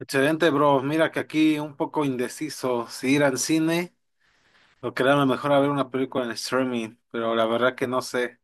Excelente, bro. Mira que aquí un poco indeciso si ir al cine o quedarme mejor a ver una película en streaming, pero la verdad que no sé.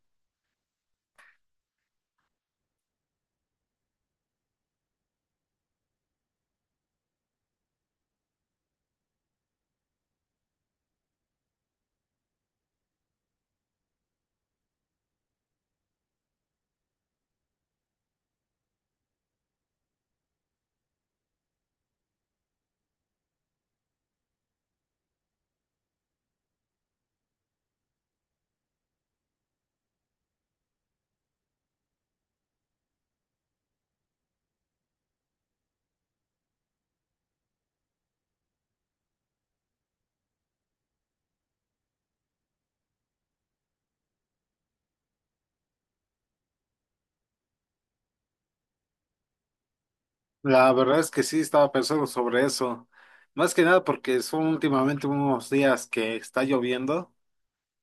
La verdad es que sí estaba pensando sobre eso. Más que nada porque son últimamente unos días que está lloviendo,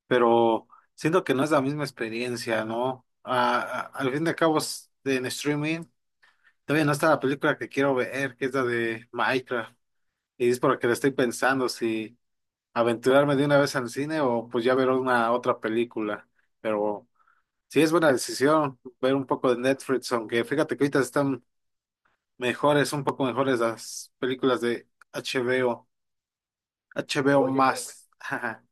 pero siento que no es la misma experiencia, ¿no? Al fin de cabo, en streaming todavía no está la película que quiero ver, que es la de Minecraft. Y es por lo que le estoy pensando si aventurarme de una vez al cine o pues ya ver una otra película. Pero sí es buena decisión ver un poco de Netflix, aunque fíjate que ahorita están mejores, un poco mejores las películas de HBO, HBO. Oye, más. Jaja.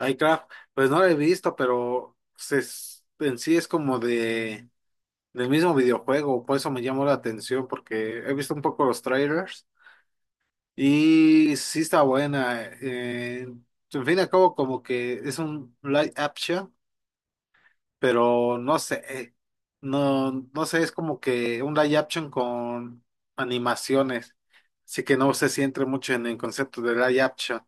iCraft, pues no la he visto, pero en sí es como de del mismo videojuego, por eso me llamó la atención, porque he visto un poco los trailers y sí está buena. En fin y al cabo, como que es un live action, pero no sé, no sé, es como que un live action con animaciones, así que no sé si entre mucho en el concepto de live action.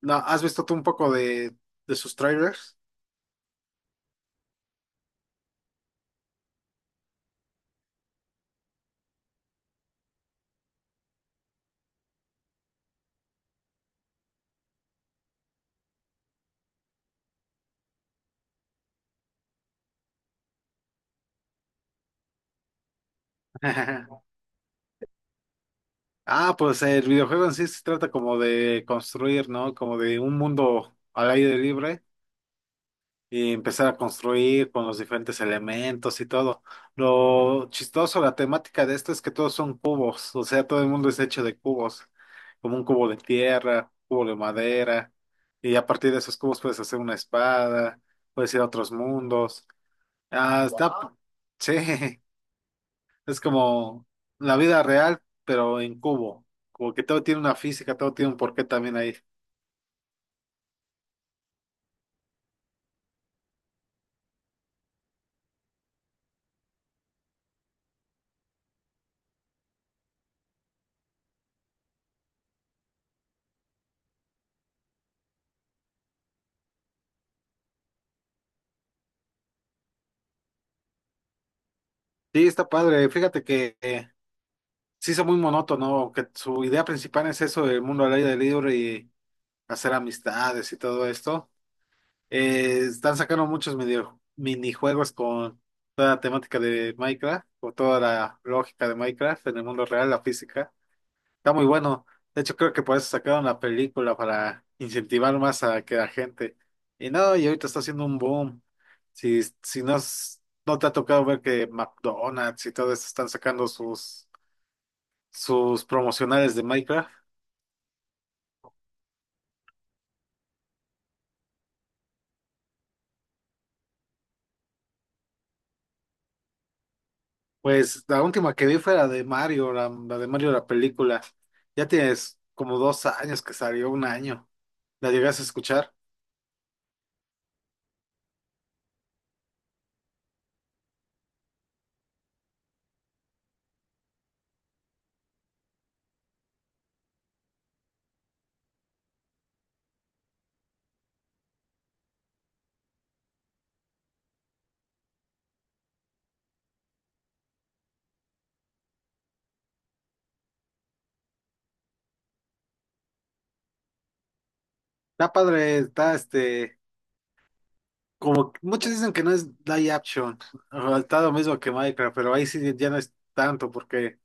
No, ¿has visto tú un poco de sus trailers? Ah, pues el videojuego en sí se trata como de construir, ¿no? Como de un mundo al aire libre, y empezar a construir con los diferentes elementos y todo. Lo chistoso, la temática de esto es que todos son cubos, o sea, todo el mundo es hecho de cubos, como un cubo de tierra, cubo de madera, y a partir de esos cubos puedes hacer una espada, puedes ir a otros mundos. Ah, está, Wow. Sí, es como la vida real, pero en cubo, como que todo tiene una física, todo tiene un porqué también ahí. Sí, está padre, fíjate que se hizo muy monótono, que su idea principal es eso del mundo al aire libre y hacer amistades y todo esto. Están sacando muchos minijuegos con toda la temática de Minecraft, o toda la lógica de Minecraft en el mundo real, la física. Está muy bueno. De hecho, creo que por eso sacaron la película para incentivar más a que la gente. Y no, y ahorita está haciendo un boom. Si, si no, no te ha tocado ver que McDonald's y todo eso están sacando sus sus promocionales de Minecraft. Pues la última que vi fue la de Mario, la de Mario la película. Ya tienes como dos años que salió, un año. La llegas a escuchar. Está padre, está este, muchos dicen que no es live action, o está lo mismo que Minecraft, pero ahí sí ya no es tanto porque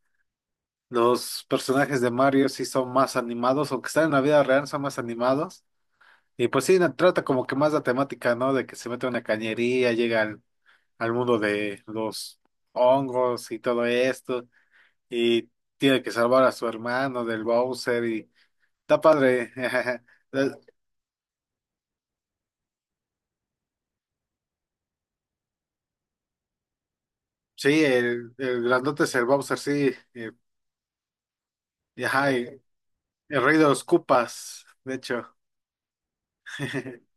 los personajes de Mario sí son más animados, aunque están en la vida real, son más animados. Y pues sí, trata como que más la temática, ¿no? De que se mete a una cañería, llegan al mundo de los hongos y todo esto, y tiene que salvar a su hermano del Bowser, y está padre. La- Sí, el grandote es el Bowser, sí, y ajá, y el rey de los Koopas, de hecho.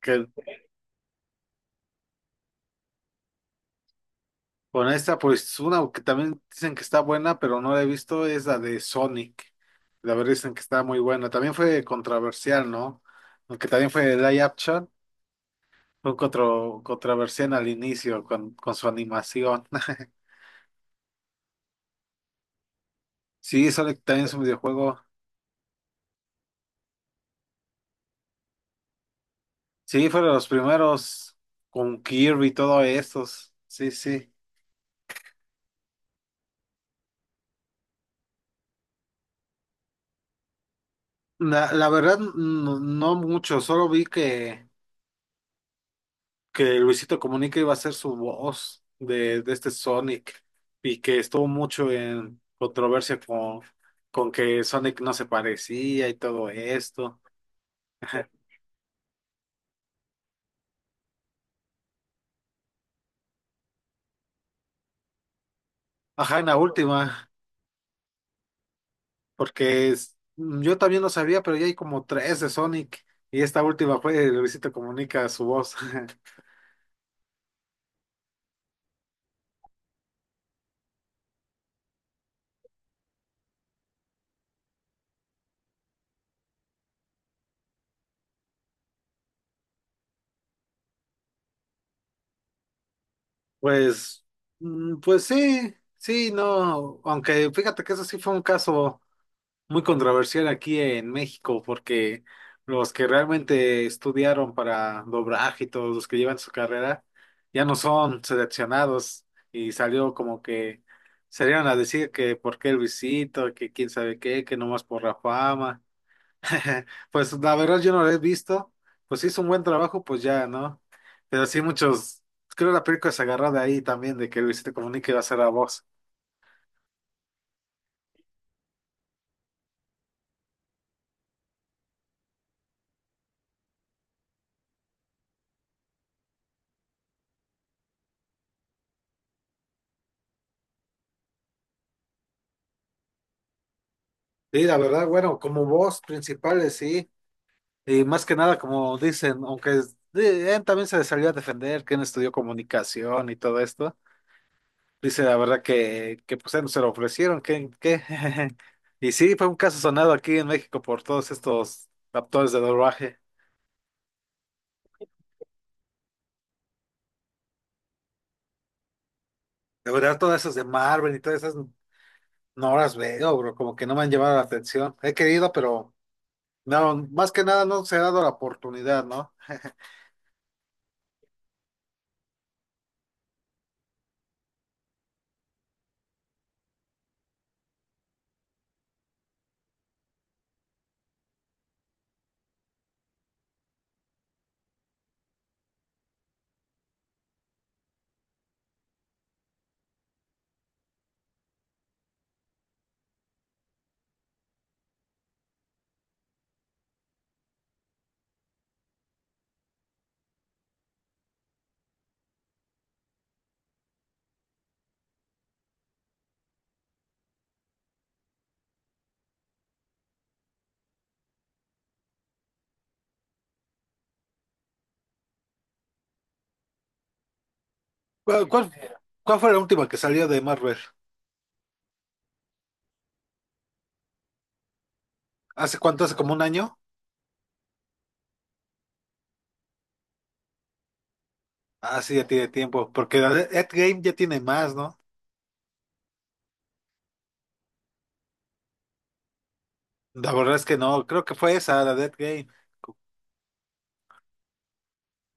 Que con esta, pues una que también dicen que está buena, pero no la he visto, es la de Sonic. La verdad dicen que está muy buena. También fue controversial, ¿no? Aunque también fue live action. Fue controversial al inicio con su animación. Sí, Sonic también es un videojuego. Sí, fueron los primeros con Kirby y todo estos. Sí, sí. La verdad, no, no mucho. Solo vi que Luisito Comunica iba a ser su voz de este Sonic y que estuvo mucho en controversia con que Sonic no se parecía y todo esto. Ajá, en la última. Mm, yo también lo sabía, pero ya hay como tres de Sonic. Y esta última fue de Luisito Comunica, su voz. Pues, mm, pues sí, sí, no. Aunque fíjate que eso sí fue un caso muy controversial aquí en México, porque los que realmente estudiaron para doblaje y todos los que llevan su carrera ya no son seleccionados. Y salió como que salieron a decir que por qué Luisito, que quién sabe qué, que nomás por la fama. Pues la verdad yo no lo he visto. Pues si hizo un buen trabajo, pues ya, ¿no? Pero sí muchos, creo que la película se agarró de ahí también, de que Luisito Comunica iba a ser la voz. Sí, la verdad, bueno, como voz principales, sí. Y más que nada, como dicen, aunque él también se salió a defender, que él estudió comunicación y todo esto. Dice la verdad que pues él no se lo ofrecieron, que, que. Y sí, fue un caso sonado aquí en México por todos estos actores de doblaje. De verdad, todas esas de Marvel y todas esas. No las veo, bro, como que no me han llamado la atención. He querido, pero no, más que nada no se ha dado la oportunidad, ¿no? ¿Cuál, cuál, ¿cuál fue la última que salió de Marvel? ¿Hace cuánto? ¿Hace como un año? Ah, sí, ya tiene tiempo, porque la de Endgame ya tiene más, ¿no? La verdad es que no, creo que fue esa, la de Endgame.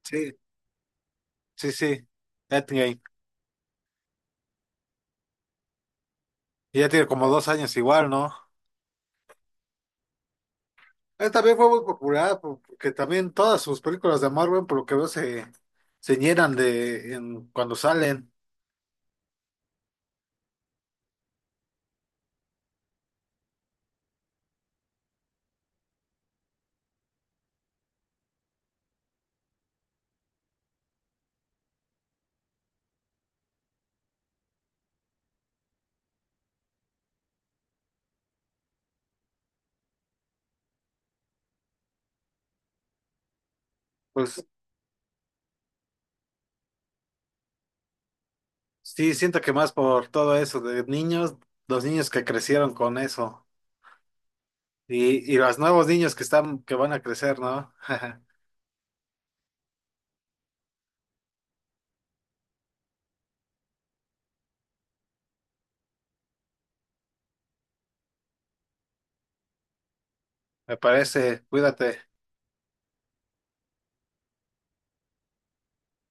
Sí, sí, sí, Endgame. Y ya tiene como dos años igual, ¿no? Él también fue muy popular, porque también todas sus películas de Marvel, por lo que veo, se llenan cuando salen. Pues sí, siento que más por todo eso de niños, los niños que crecieron con eso y los nuevos niños que están, que van a crecer, ¿no? Me parece, cuídate.